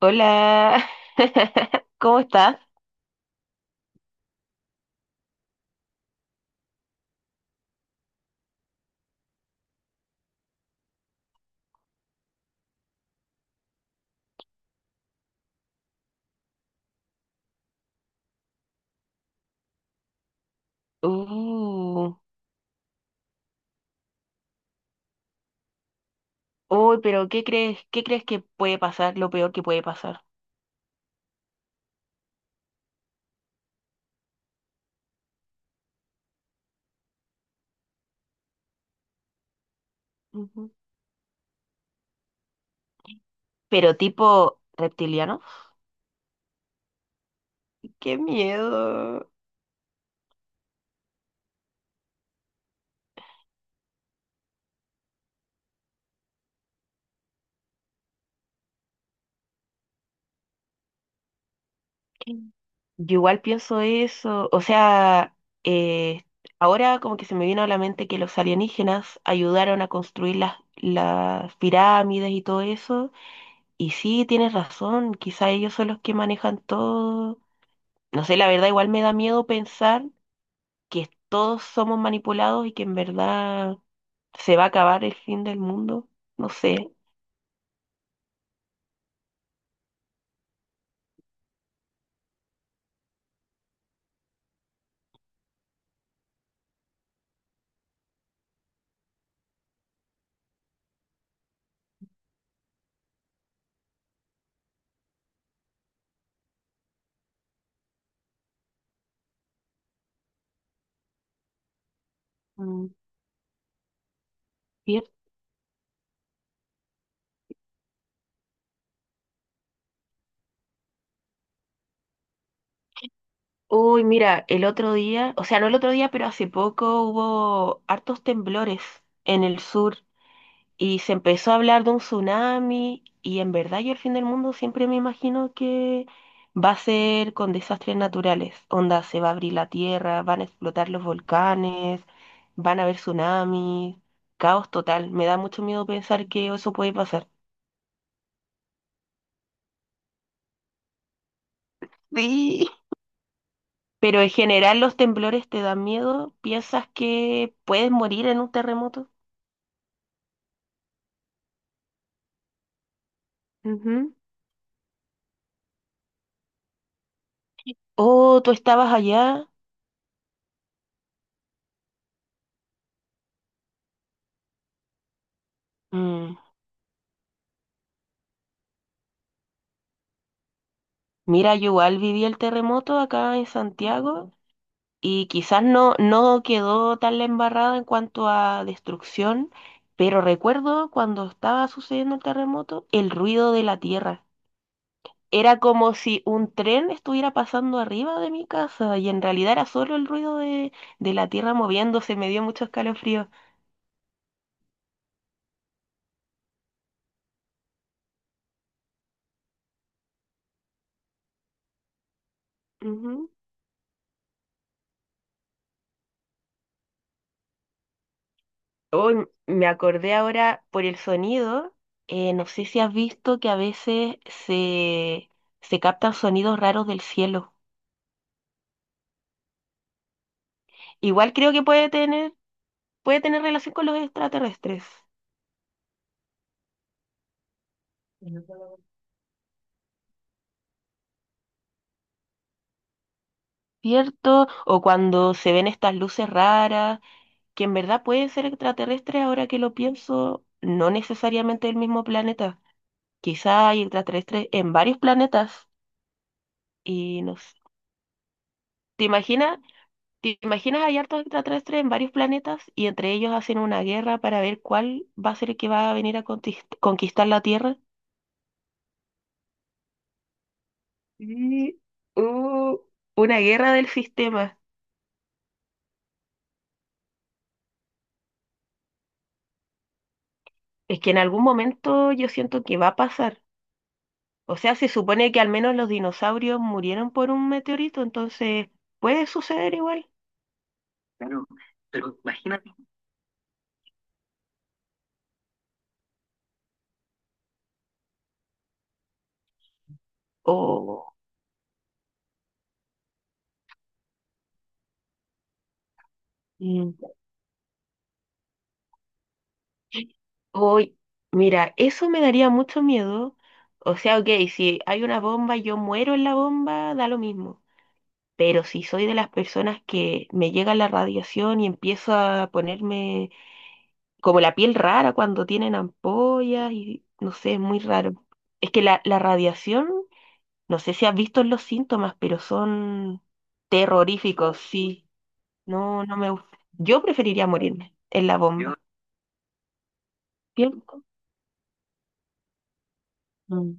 Hola, ¿cómo estás? Uh, uy, pero ¿qué crees? ¿Qué crees que puede pasar? Lo peor que puede pasar. Ujú. Pero tipo reptiliano. Qué miedo. Yo igual pienso eso. O sea, eh, ahora como que se me vino a la mente que los alienígenas ayudaron a construir las pirámides y todo eso. Y sí, tienes razón, quizá ellos son los que manejan todo. No sé, la verdad igual me da miedo pensar que todos somos manipulados y que en verdad se va a acabar el fin del mundo. No sé. mm, ¿Cierto? Uy, mira, el otro día, o sea, no el otro día, pero hace poco hubo hartos temblores en el sur. Y se empezó a hablar de un tsunami y en verdad yo el fin del mundo siempre me imagino que va a ser con desastres naturales. Onda, se va a abrir la tierra, van a explotar los volcanes, van a haber tsunamis, caos total. Me da mucho miedo pensar que eso puede pasar. Sí. Pero en general los temblores te dan miedo, piensas que puedes morir en un terremoto. Ujú. Oh, tú estabas allá. Mm. Mira, yo igual viví el terremoto acá en Santiago. Y quizás no, no quedó tan la embarrada en cuanto a destrucción, pero recuerdo cuando estaba sucediendo el terremoto, el ruido de la tierra. Era como si un tren estuviera pasando arriba de mi casa y en realidad era solo el ruido de la tierra moviéndose, me dio mucho escalofrío. Ujú. Hoy me acordé ahora por el sonido, no sé si has visto que a veces se, se captan sonidos raros del cielo. Igual creo que puede tener relación con los extraterrestres, ¿cierto? O cuando se ven estas luces raras, que en verdad pueden ser extraterrestres, ahora que lo pienso, no necesariamente del mismo planeta. Quizá hay extraterrestres en varios planetas y no sé. ¿Te imaginas? ¿Te imaginas hay hartos extraterrestres en varios planetas y entre ellos hacen una guerra para ver cuál va a ser el que va a venir a conquistar la Tierra? Sí. uh, una guerra del sistema. Es que en algún momento yo siento que va a pasar. O sea, se supone que al menos los dinosaurios murieron por un meteorito, entonces puede suceder igual. Claro, pero imagínate. O, mm, o- Mira, eso me daría mucho miedo. O sea, ok, si hay una bomba y yo muero en la bomba, da lo mismo. Pero si soy de las personas que me llega la radiación y empiezo a ponerme como la piel rara cuando tienen ampollas y no sé, es muy raro. Es que la radiación, no sé si has visto los síntomas, pero son terroríficos, sí. No, no me gusta. Yo preferiría morirme en la bomba. ¿Cierto? Mm,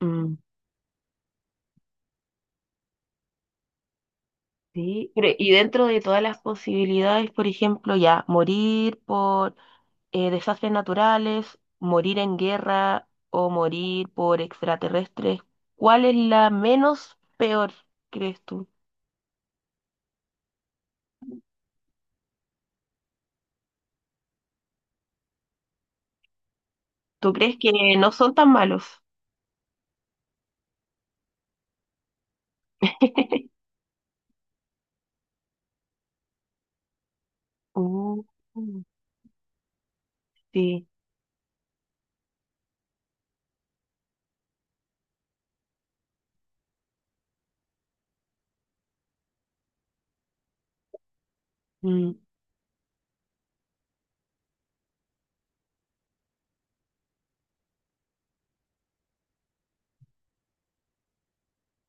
mm, sí. Pero, y dentro de todas las posibilidades, por ejemplo, ya morir por desastres naturales, morir en guerra o morir por extraterrestres, ¿cuál es la menos peor, crees tú? ¿Tú crees que no son tan malos? Uh, sí. Mm.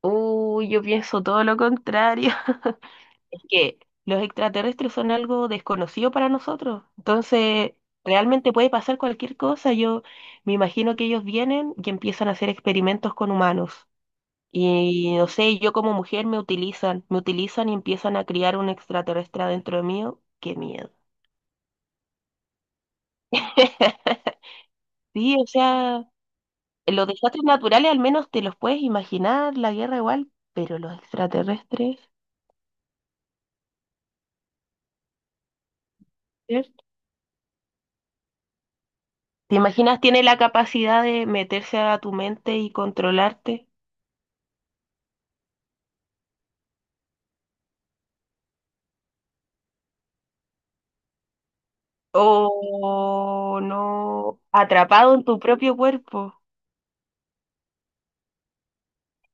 Uy, yo pienso todo lo contrario. Es que los extraterrestres son algo desconocido para nosotros. Entonces, realmente puede pasar cualquier cosa. Yo me imagino que ellos vienen y empiezan a hacer experimentos con humanos. Y no sé, yo como mujer me utilizan y empiezan a criar un extraterrestre dentro de mío. Qué miedo. Sí, o sea. Los desastres naturales al menos te los puedes imaginar, la guerra igual, pero los extraterrestres, ¿cierto? ¿Te imaginas tiene la capacidad de meterse a tu mente y controlarte? O no, atrapado en tu propio cuerpo.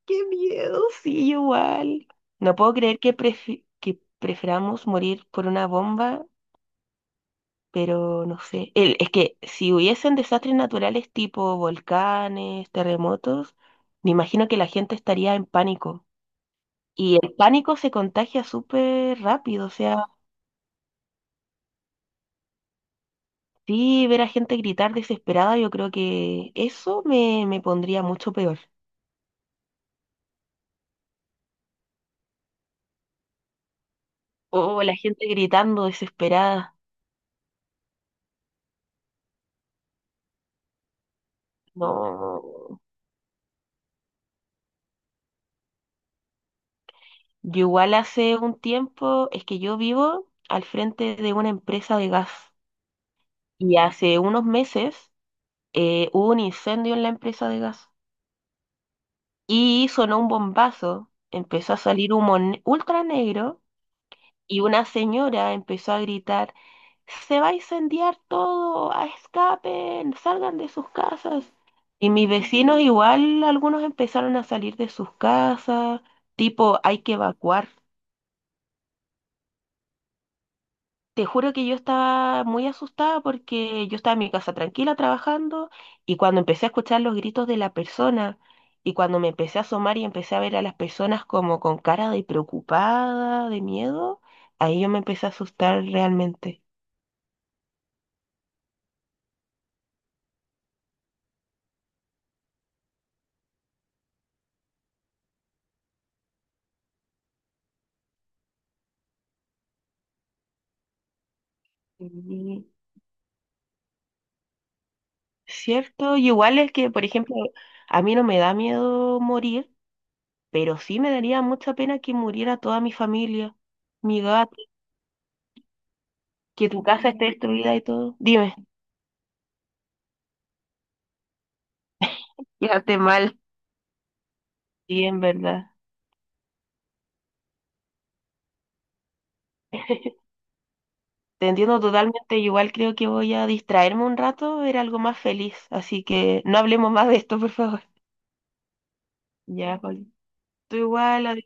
¡Qué miedo! Sí, igual. No puedo creer que, que prefiramos morir por una bomba, pero no sé. Es que si hubiesen desastres naturales tipo volcanes, terremotos, me imagino que la gente estaría en pánico. Y el pánico se contagia súper rápido, o sea, sí, ver a gente gritar desesperada, yo creo que eso me, me pondría mucho peor. O la gente gritando desesperada. No. Yo igual hace un tiempo, es que yo vivo al frente de una empresa de gas y hace unos meses hubo un incendio en la empresa de gas y sonó un bombazo, empezó a salir humo ultra negro. Y una señora empezó a gritar, se va a incendiar todo, a escapen, salgan de sus casas. Y mis vecinos igual, algunos empezaron a salir de sus casas, tipo, hay que evacuar. Te juro que yo estaba muy asustada porque yo estaba en mi casa tranquila trabajando y cuando empecé a escuchar los gritos de la persona y cuando me empecé a asomar y empecé a ver a las personas como con cara de preocupada, de miedo, ahí yo me empecé a asustar realmente. Y cierto, y igual es que, por ejemplo, a mí no me da miedo morir, pero sí me daría mucha pena que muriera toda mi familia, mi gato, que tu casa esté destruida y todo. Dime, quédate mal. Sí, en verdad. Te entiendo totalmente, igual creo que voy a distraerme un rato, ver algo más feliz, así que no hablemos más de esto, por favor. Ya, Pauli. Tú igual,